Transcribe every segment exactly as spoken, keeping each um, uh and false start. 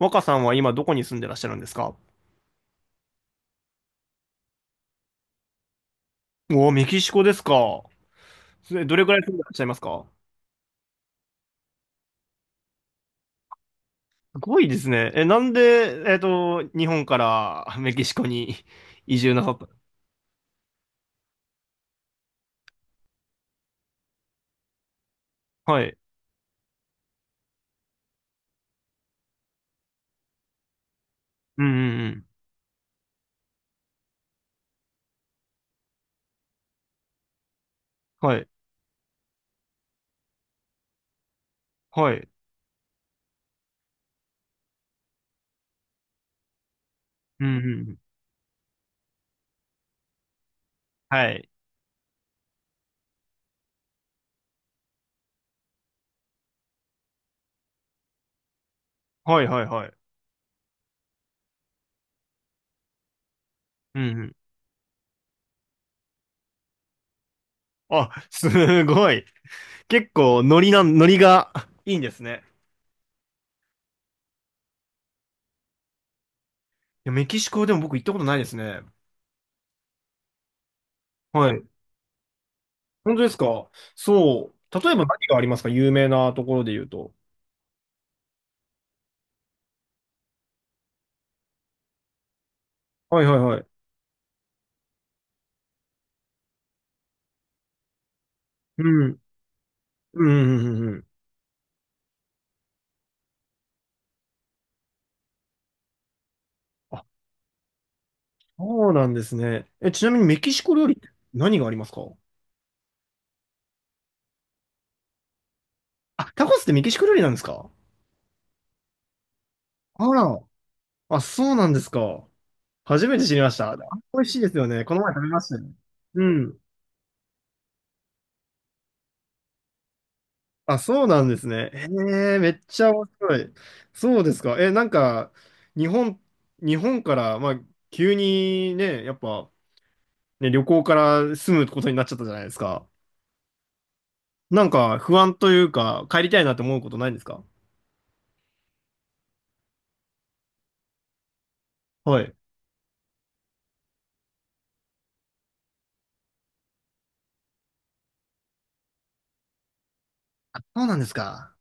若さんは今どこに住んでらっしゃるんですか？おおー、メキシコですか。それどれくらい住んでらっしゃいますか？すごいですね。え、なんで、えっと、日本から メキシコに 移住なさった？はい。うんうんうん。はい。はい。うんうんうん。はい。はいはいはい。うんうん。あ、すごい。結構ノリな、ノリが いいんですね。いや、メキシコでも僕行ったことないですね。はい。本当ですか？そう。例えば何がありますか？有名なところで言うと。はいはいはい。うん。うん、うん、うん。うん。あ、そうなんですね。え、ちなみにメキシコ料理って何がありますか？あ、タコスってメキシコ料理なんですか？あら。あ、そうなんですか。初めて知りました。あ、美味しいですよね。この前食べましたね。うん。あ、そうなんですね。へえ、めっちゃ面白い。そうですか。え、なんか、日本、日本から、まあ、急にね、やっぱ、ね、旅行から住むことになっちゃったじゃないですか。なんか、不安というか、帰りたいなって思うことないんですか？はい。あ、そうなんですか。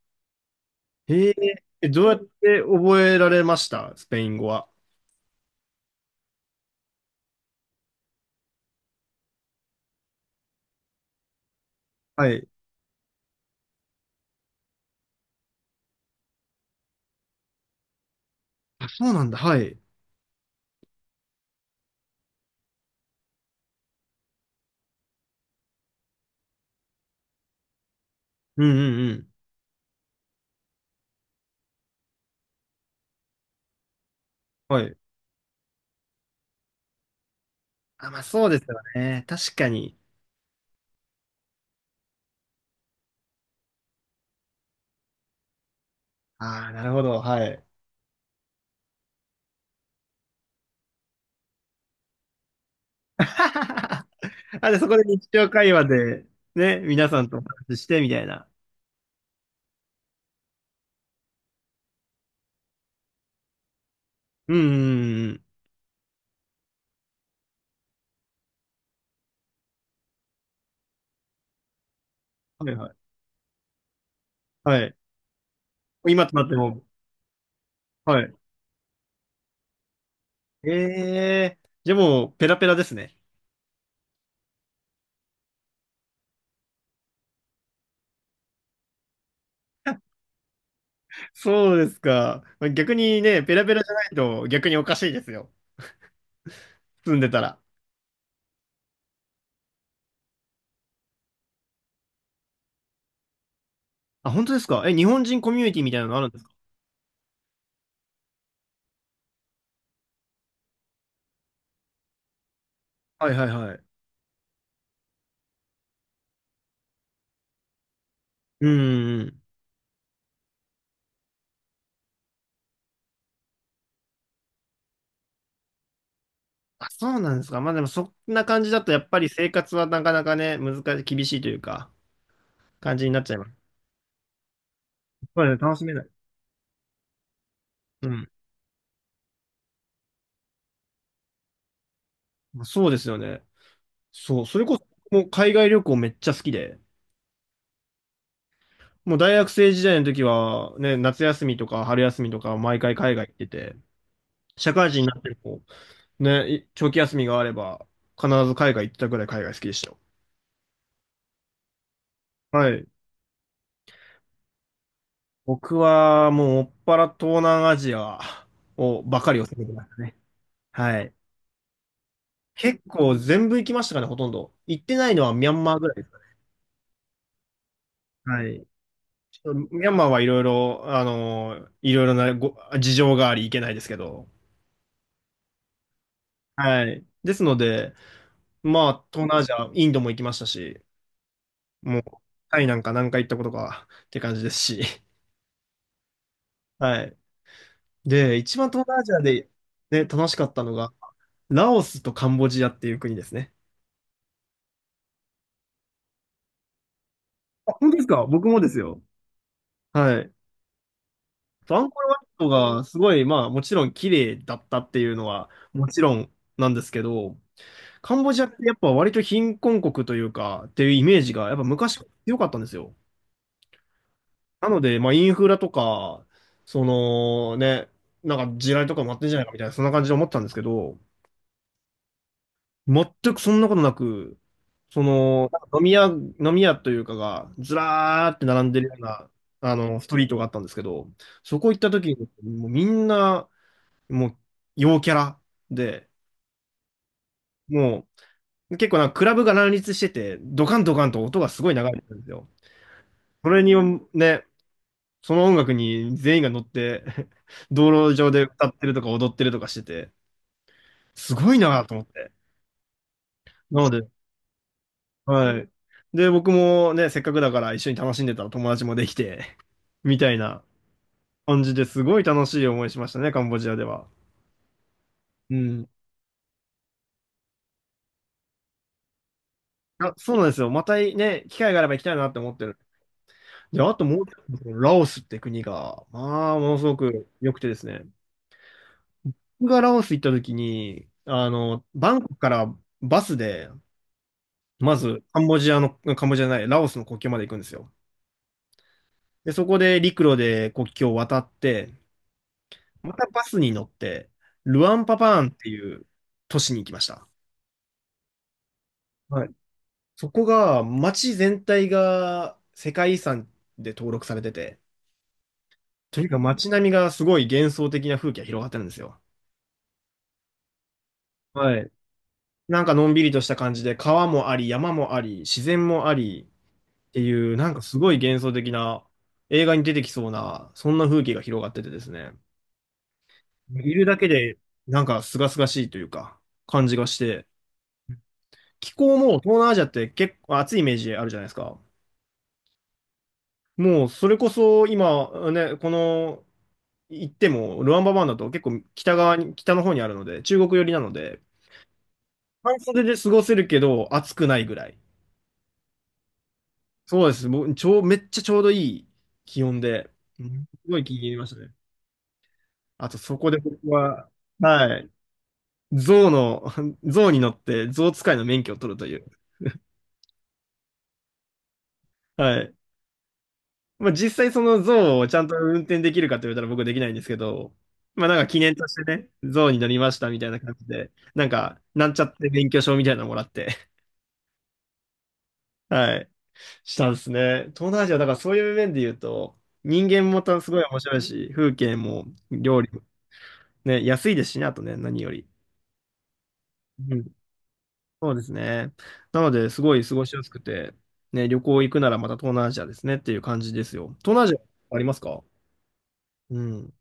へえ、えどうやって覚えられましたスペイン語は。はい。あ、そうなんだ。はい。うんうんうん。はい。あ、まあそうですよね。確かに。ああ、なるほど。はい。あ、で、そこで日常会話で、ね、皆さんとお話しして、みたいな。うんうんうんうん。はいはい。はい。今となっても、はい。ええー、じゃあもう、ペラペラですね。そうですか。逆にね、ペラペラじゃないと逆におかしいですよ。住んでたら。あ、本当ですか？え、日本人コミュニティみたいなのあるんですか？はいはいはい。うん。あ、そうなんですか。まあでもそんな感じだとやっぱり生活はなかなかね、難しい、厳しいというか、感じになっちゃいます。そうですね、楽しめない。うん。まあそうですよね。そう、それこそもう海外旅行めっちゃ好きで、もう大学生時代の時はね、夏休みとか春休みとか毎回海外行ってて、社会人になってもね、い長期休みがあれば必ず海外行ってたくらい海外好きでしたよ。はい。僕はもうもっぱら東南アジアをばかりを攻めてましたね。はい。結構全部行きましたかね、ほとんど。行ってないのはミャンマーぐらいですかね。はい。ちょっとミャンマーはいろいろ、あの、いろいろなご事情があり行けないですけど。はい。ですので、まあ、東南アジア、インドも行きましたし、もう、タイなんか何回行ったことかって感じですし。はい。で、一番東南アジアで、ね、楽しかったのが、ラオスとカンボジアっていう国ですね。本当ですか？僕もですよ。はい。そうアンコールワットがすごい、まあもちろん綺麗だったっていうのはもちろんなんですけど、カンボジアってやっぱ割と貧困国というかっていうイメージがやっぱ昔から強かったんですよ。なので、まあインフラとか、そのね、なんか地雷とかもあってんじゃないかみたいな、そんな感じで思ってたんですけど、全くそんなことなく、その、なんか飲み屋、飲み屋というかが、ずらーって並んでるような、あの、ストリートがあったんですけど、そこ行った時に、もうみんな、もう、陽キャラで、もう、結構なんかクラブが乱立してて、ドカンドカンと音がすごい流れてるんですよ。それに、ね、その音楽に全員が乗って、道路上で歌ってるとか踊ってるとかしてて、すごいなと思って。なので、はい。で、僕もね、せっかくだから一緒に楽しんでたら友達もできて、みたいな感じですごい楽しい思いしましたね、カンボジアでは。うん。あ、そうなんですよ。またね、機会があれば行きたいなって思ってる。で、あともう一つ、ラオスって国が、まあ、ものすごく良くてですね。僕がラオス行った時に、あの、バンコクからバスで、まずカンボジアの、カンボジアじゃない、ラオスの国境まで行くんですよ。で、そこで陸路で国境を渡って、またバスに乗って、ルアンパパーンっていう都市に行きました。はい。そこが、街全体が世界遺産で登録されてて、とにかく街並みがすごい幻想的な風景が広がってるんですよ。はい。なんかのんびりとした感じで、川もあり、山もあり、自然もありっていう、なんかすごい幻想的な、映画に出てきそうな、そんな風景が広がっててですね、いるだけで、なんか清々しいというか、感じがして、気候も東南アジアって結構暑いイメージあるじゃないですか。もうそれこそ今ね、この行ってもルワンババンだと結構北側に、北の方にあるので、中国寄りなので、半袖で過ごせるけど暑くないぐらい。そうです。もうちょう、めっちゃちょうどいい気温で、うんすごい気に入りましたね。あとそこで僕は、はい、象の、象に乗って象使いの免許を取るという。はい。まあ、実際その象をちゃんと運転できるかって言われたら僕できないんですけど、まあなんか記念としてね、象に乗りましたみたいな感じで、なんか、なんちゃって免許証みたいなのもらって、はい、したんですね。東南アジア、だからそういう面で言うと、人間もたすごい面白いし、風景も料理もね、安いですしね、あとね、何より。うん、そうですね。なので、すごい過ごしやすくて、ね、旅行行くならまた東南アジアですねっていう感じですよ。東南アジアありますか？うん。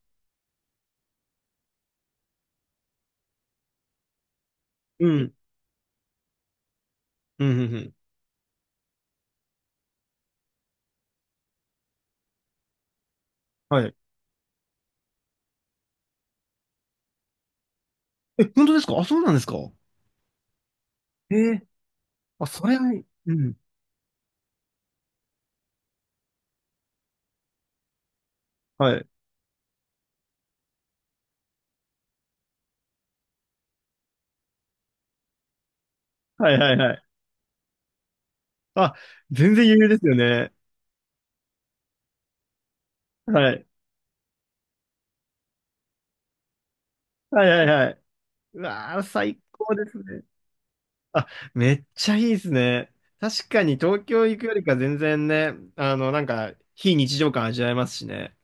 うん。うん、うん、うん。はい。え、本当ですか？あ、そうなんですか？ええ、あ、それは、うん。はい。はいはいはい。あ、全然余裕ですよね。はい。はいはいはい。うわー、最高ですね。あ、めっちゃいいですね。確かに東京行くよりか全然ね、あの、なんか、非日常感味わえますしね。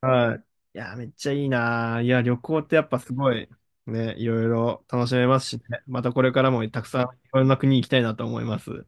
はい。いやー、めっちゃいいなー。いや、旅行ってやっぱすごい、ね、いろいろ楽しめますしね。またこれからもたくさんいろんな国行きたいなと思います。